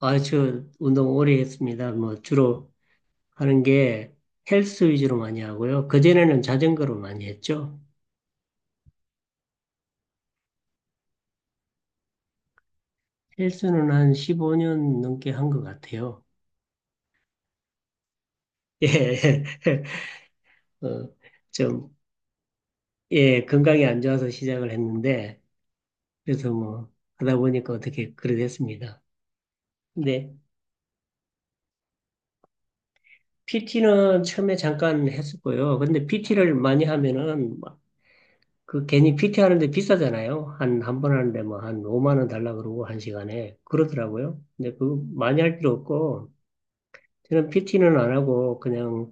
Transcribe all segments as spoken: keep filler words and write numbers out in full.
아, 저 운동 오래 했습니다. 뭐 주로 하는 게 헬스 위주로 많이 하고요. 그전에는 자전거로 많이 했죠. 헬스는 한 십오 년 넘게 한 것 같아요. 예, 예. 어, 좀, 예, 건강이 안 좋아서 시작을 했는데, 그래서 뭐 하다 보니까 어떻게 그래 됐습니다. 근데 피티는 처음에 잠깐 했었고요. 근데 피티를 많이 하면은 그 괜히 피티 하는데 비싸잖아요. 한, 한 번 하는데 뭐 한 오만 원 달라 그러고 한 시간에. 그러더라고요. 근데 그 많이 할 필요 없고, 저는 피티는 안 하고 그냥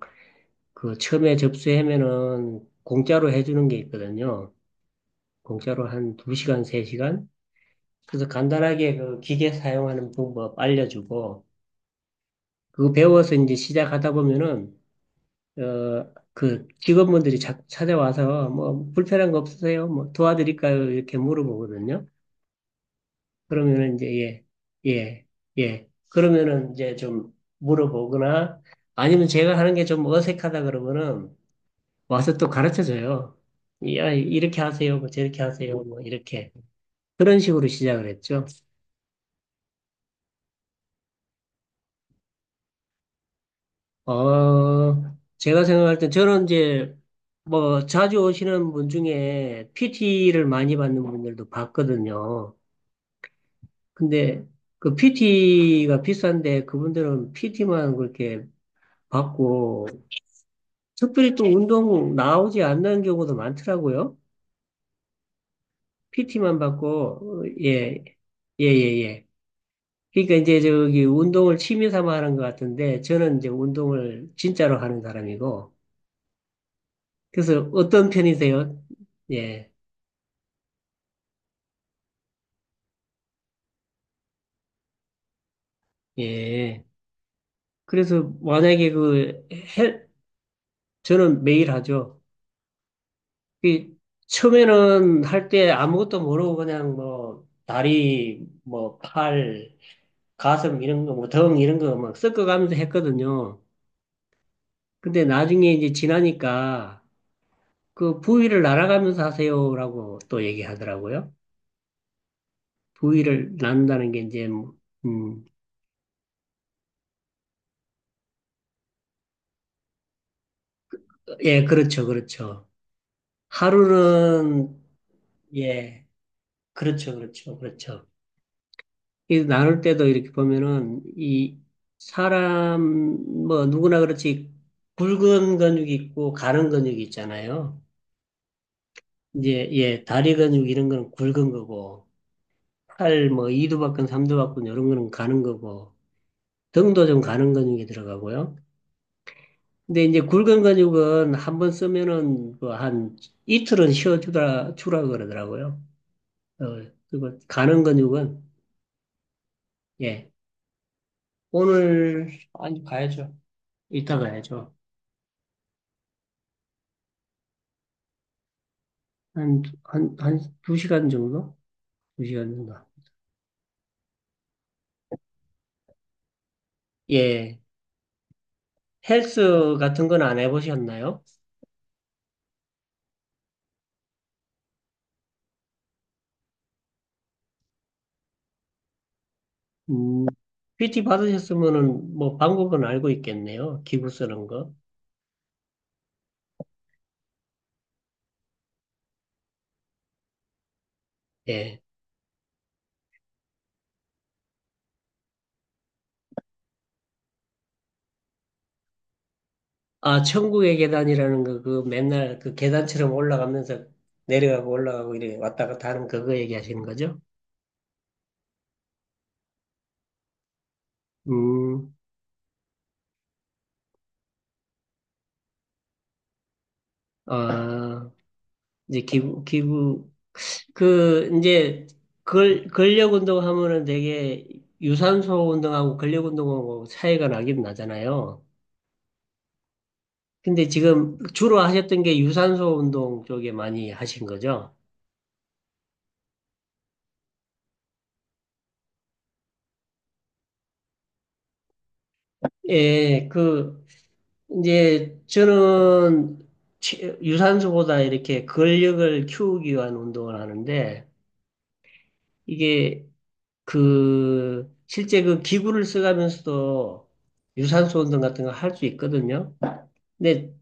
그 처음에 접수하면은 공짜로 해주는 게 있거든요. 공짜로 한 두 시간, 세 시간? 그래서 간단하게 그 기계 사용하는 방법 알려주고, 그거 배워서 이제 시작하다 보면은, 어, 그 직원분들이 자- 찾아와서 뭐 불편한 거 없으세요? 뭐 도와드릴까요? 이렇게 물어보거든요. 그러면은 이제 예, 예, 예. 그러면은 이제 좀 물어보거나 아니면 제가 하는 게 좀 어색하다 그러면은 와서 또 가르쳐 줘요. 야, 이렇게 하세요. 뭐 저렇게 하세요. 뭐 이렇게. 그런 식으로 시작을 했죠. 어, 제가 생각할 때 저는 이제 뭐 자주 오시는 분 중에 피티를 많이 받는 분들도 봤거든요. 근데 그 피티가 비싼데 그분들은 피티만 그렇게 받고 특별히 또 운동 나오지 않는 경우도 많더라고요. 피티만 받고, 어, 예, 예, 예, 예. 그러니까 이제 저기 운동을 취미 삼아 하는 것 같은데, 저는 이제 운동을 진짜로 하는 사람이고, 그래서 어떤 편이세요? 예, 예. 그래서 만약에 그, 헬, 저는 매일 하죠. 이 처음에는 할 때 아무것도 모르고 그냥 뭐, 다리, 뭐, 팔, 가슴 이런 거, 뭐, 등 이런 거 막 섞어가면서 했거든요. 근데 나중에 이제 지나니까 그 부위를 날아가면서 하세요라고 또 얘기하더라고요. 부위를 나눈다는 게 이제 뭐, 음, 예, 그렇죠, 그렇죠. 하루는 예, 그렇죠, 그렇죠, 그렇죠. 이 나눌 때도 이렇게 보면은 이 사람 뭐 누구나 그렇지 굵은 근육이 있고 가는 근육이 있잖아요. 이제 예, 다리 근육 이런 거는 굵은 거고 팔 뭐 이두박근 삼두박근 이런 거는 가는 거고 등도 좀 가는 근육이 들어가고요. 근데 이제 굵은 근육은 한번 쓰면은 뭐 한 이틀은 쉬어주라 주라 그러더라고요. 어, 그리고 가는 근육은 예 오늘 아니 가야죠. 이따 가야죠. 한 한 한 두 시간 정도? 두 시간 정도. 예 헬스 같은 건 안 해보셨나요? 음 피티 받으셨으면은 뭐 방법은 알고 있겠네요. 기구 쓰는 거. 예. 아, 천국의 계단이라는 거, 그 맨날 그 계단처럼 올라가면서 내려가고 올라가고 이렇게 왔다 갔다 하는 그거 얘기하시는 거죠? 음, 아, 이제 기부, 기부, 그, 이제, 걸, 근력 운동하면은 되게 유산소 운동하고 근력 운동하고 차이가 나긴 나잖아요. 근데 지금 주로 하셨던 게 유산소 운동 쪽에 많이 하신 거죠? 예, 그, 이제 저는 치- 유산소보다 이렇게 근력을 키우기 위한 운동을 하는데 이게 그 실제 그 기구를 써가면서도 유산소 운동 같은 거 할 수 있거든요. 근데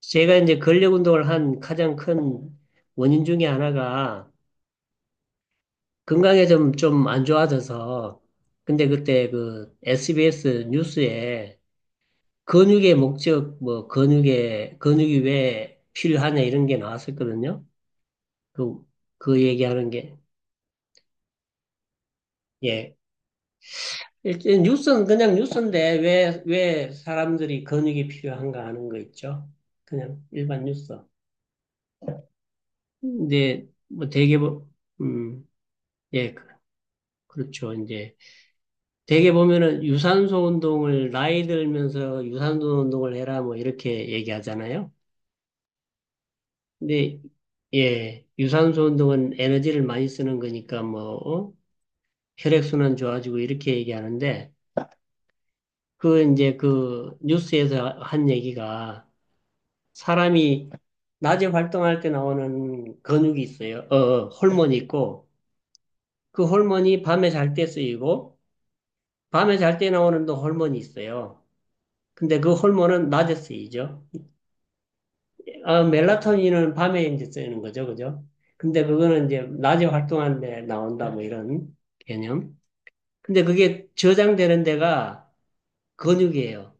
제가 이제 근력 운동을 한 가장 큰 원인 중에 하나가 건강에 좀 좀 안 좋아져서 근데 그때 그 에스비에스 뉴스에 근육의 목적, 뭐, 근육의, 근육이 왜 필요하냐, 이런 게 나왔었거든요. 그, 그 얘기하는 게. 예. 일단 뉴스는 그냥 뉴스인데, 왜, 왜 사람들이 근육이 필요한가 하는 거 있죠. 그냥 일반 뉴스. 근데, 뭐, 되게, 보- 음, 예, 그- 그렇죠. 이제, 되게 보면은 유산소 운동을, 나이 들면서 유산소 운동을 해라, 뭐, 이렇게 얘기하잖아요. 근데 예, 유산소 운동은 에너지를 많이 쓰는 거니까 뭐 어? 혈액순환 좋아지고 이렇게 얘기하는데 그 이제 그 뉴스에서 한 얘기가 사람이 낮에 활동할 때 나오는 근육이 있어요. 어, 어, 호르몬이 있고 그 호르몬이 밤에 잘 때 쓰이고 밤에 잘 때 나오는 또 호르몬이 있어요. 근데 그 호르몬은 낮에 쓰이죠. 어, 멜라토닌은 밤에 이제 쓰이는 거죠, 그죠? 근데 그거는 이제 낮에 활동하는데 나온다, 뭐 이런 개념. 근데 그게 저장되는 데가 근육이에요.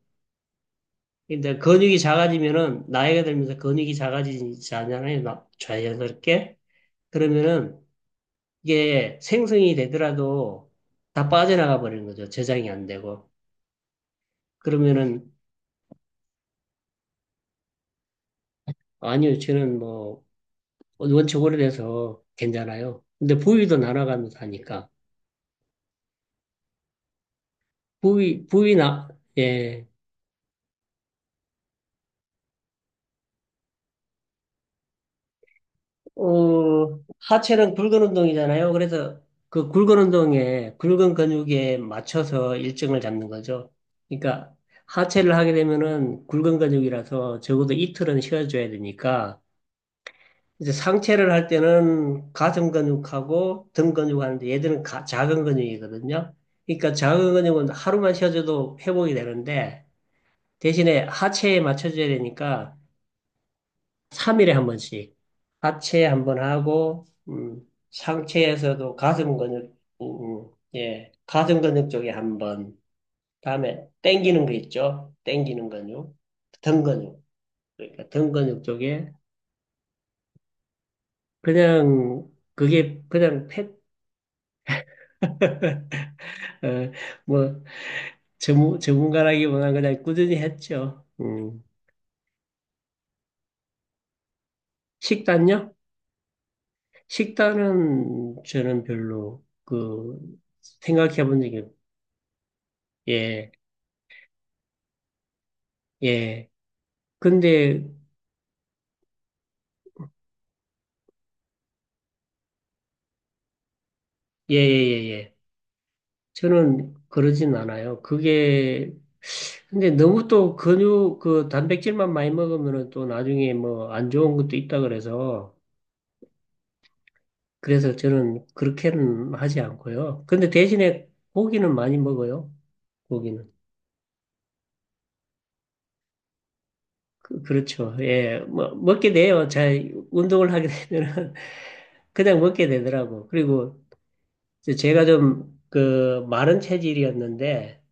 근데 근육이 작아지면은, 나이가 들면서 근육이 작아지잖아요, 나- 자연스럽게. 그러면은 이게 생성이 되더라도 다 빠져나가 버리는 거죠. 저장이 안 되고. 그러면은, 아니요, 저는 뭐, 원체 오래돼서 괜찮아요. 근데 부위도 날아가면서 하니까. 부위, 부위나, 예, 어, 하체는 굵은 운동이잖아요. 그래서 그 굵은 운동에, 굵은 근육에 맞춰서 일정을 잡는 거죠. 그러니까 하체를 하게 되면은 굵은 근육이라서 적어도 이틀은 쉬어줘야 되니까, 이제 상체를 할 때는 가슴 근육하고 등 근육 하는데 얘들은 가- 작은 근육이거든요. 그러니까 작은 근육은 하루만 쉬어줘도 회복이 되는데, 대신에 하체에 맞춰줘야 되니까, 삼일에한 번씩 하체 한번 하고 음, 상체에서도 가슴 근육 음, 음, 예 가슴 근육 쪽에 한번 다음에 당기는 거 있죠 당기는 근육 등 근육 그러니까 등 근육 쪽에 그냥 그게 그냥 팩 어, 뭐 전문 전문가라기보다는 그냥 꾸준히 했죠 음. 식단요? 식단은 저는 별로 그 생각해 본 적이 없- 예 예. 근데 예예예 예, 예, 예. 저는 그러진 않아요. 그게 근데 너무 또 근육 그 단백질만 많이 먹으면은 또 나중에 뭐 안 좋은 것도 있다 그래서 그래서 저는 그렇게는 하지 않고요. 근데 대신에 고기는 많이 먹어요. 고기는 그, 그렇죠. 예, 뭐 먹게 돼요. 잘 운동을 하게 되면은 그냥 먹게 되더라고. 그리고 이제 제가 좀 그 마른 체질이었는데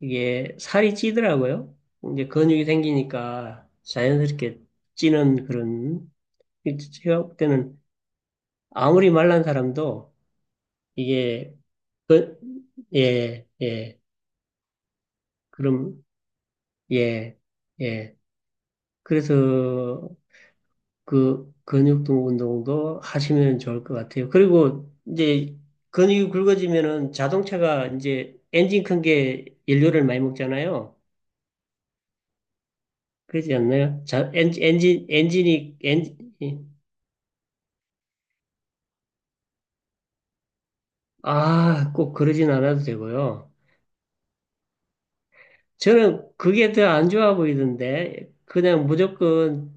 이게 살이 찌더라고요. 이제 근육이 생기니까 자연스럽게 찌는 그런 제가 볼 때는 아무리 말란 사람도 이게 그, 예, 예. 그럼 예, 예. 그래서 그 근육통 운동도 하시면 좋을 것 같아요. 그리고 이제 근육이 굵어지면은 자동차가 이제 엔진 큰 게 연료를 많이 먹잖아요. 그러지 않나요? 자, 엔진, 엔진, 엔진이, 엔진, 아, 꼭 그러진 않아도 되고요. 저는 그게 더 안 좋아 보이던데, 그냥 무조건,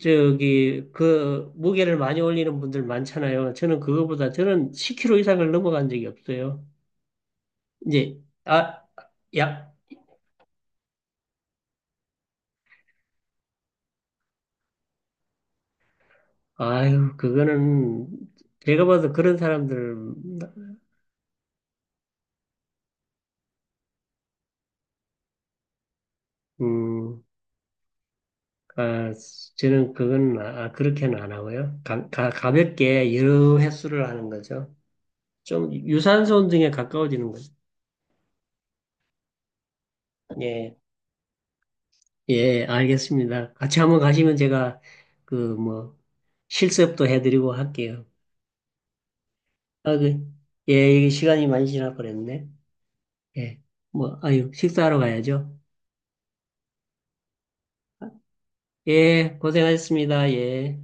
저기, 그, 무게를 많이 올리는 분들 많잖아요. 저는 그거보다, 저는 십 킬로그램 이상을 넘어간 적이 없어요. 이제, 아, 야, 아유, 그거는, 제가 봐도 그런 사람들, 음, 아, 저는 그건 아, 아, 그렇게는 안 하고요. 가, 가, 가볍게 여러 횟수를 하는 거죠. 좀 유산소 운동에 가까워지는 거죠. 예, 예, 알겠습니다. 같이 한번 가시면 제가 그 뭐 실습도 해드리고 할게요. 아, 그, 예, 이게 시간이 많이 지나 버렸네. 예, 뭐, 아유, 식사하러 가야죠. 예, 고생하셨습니다. 예.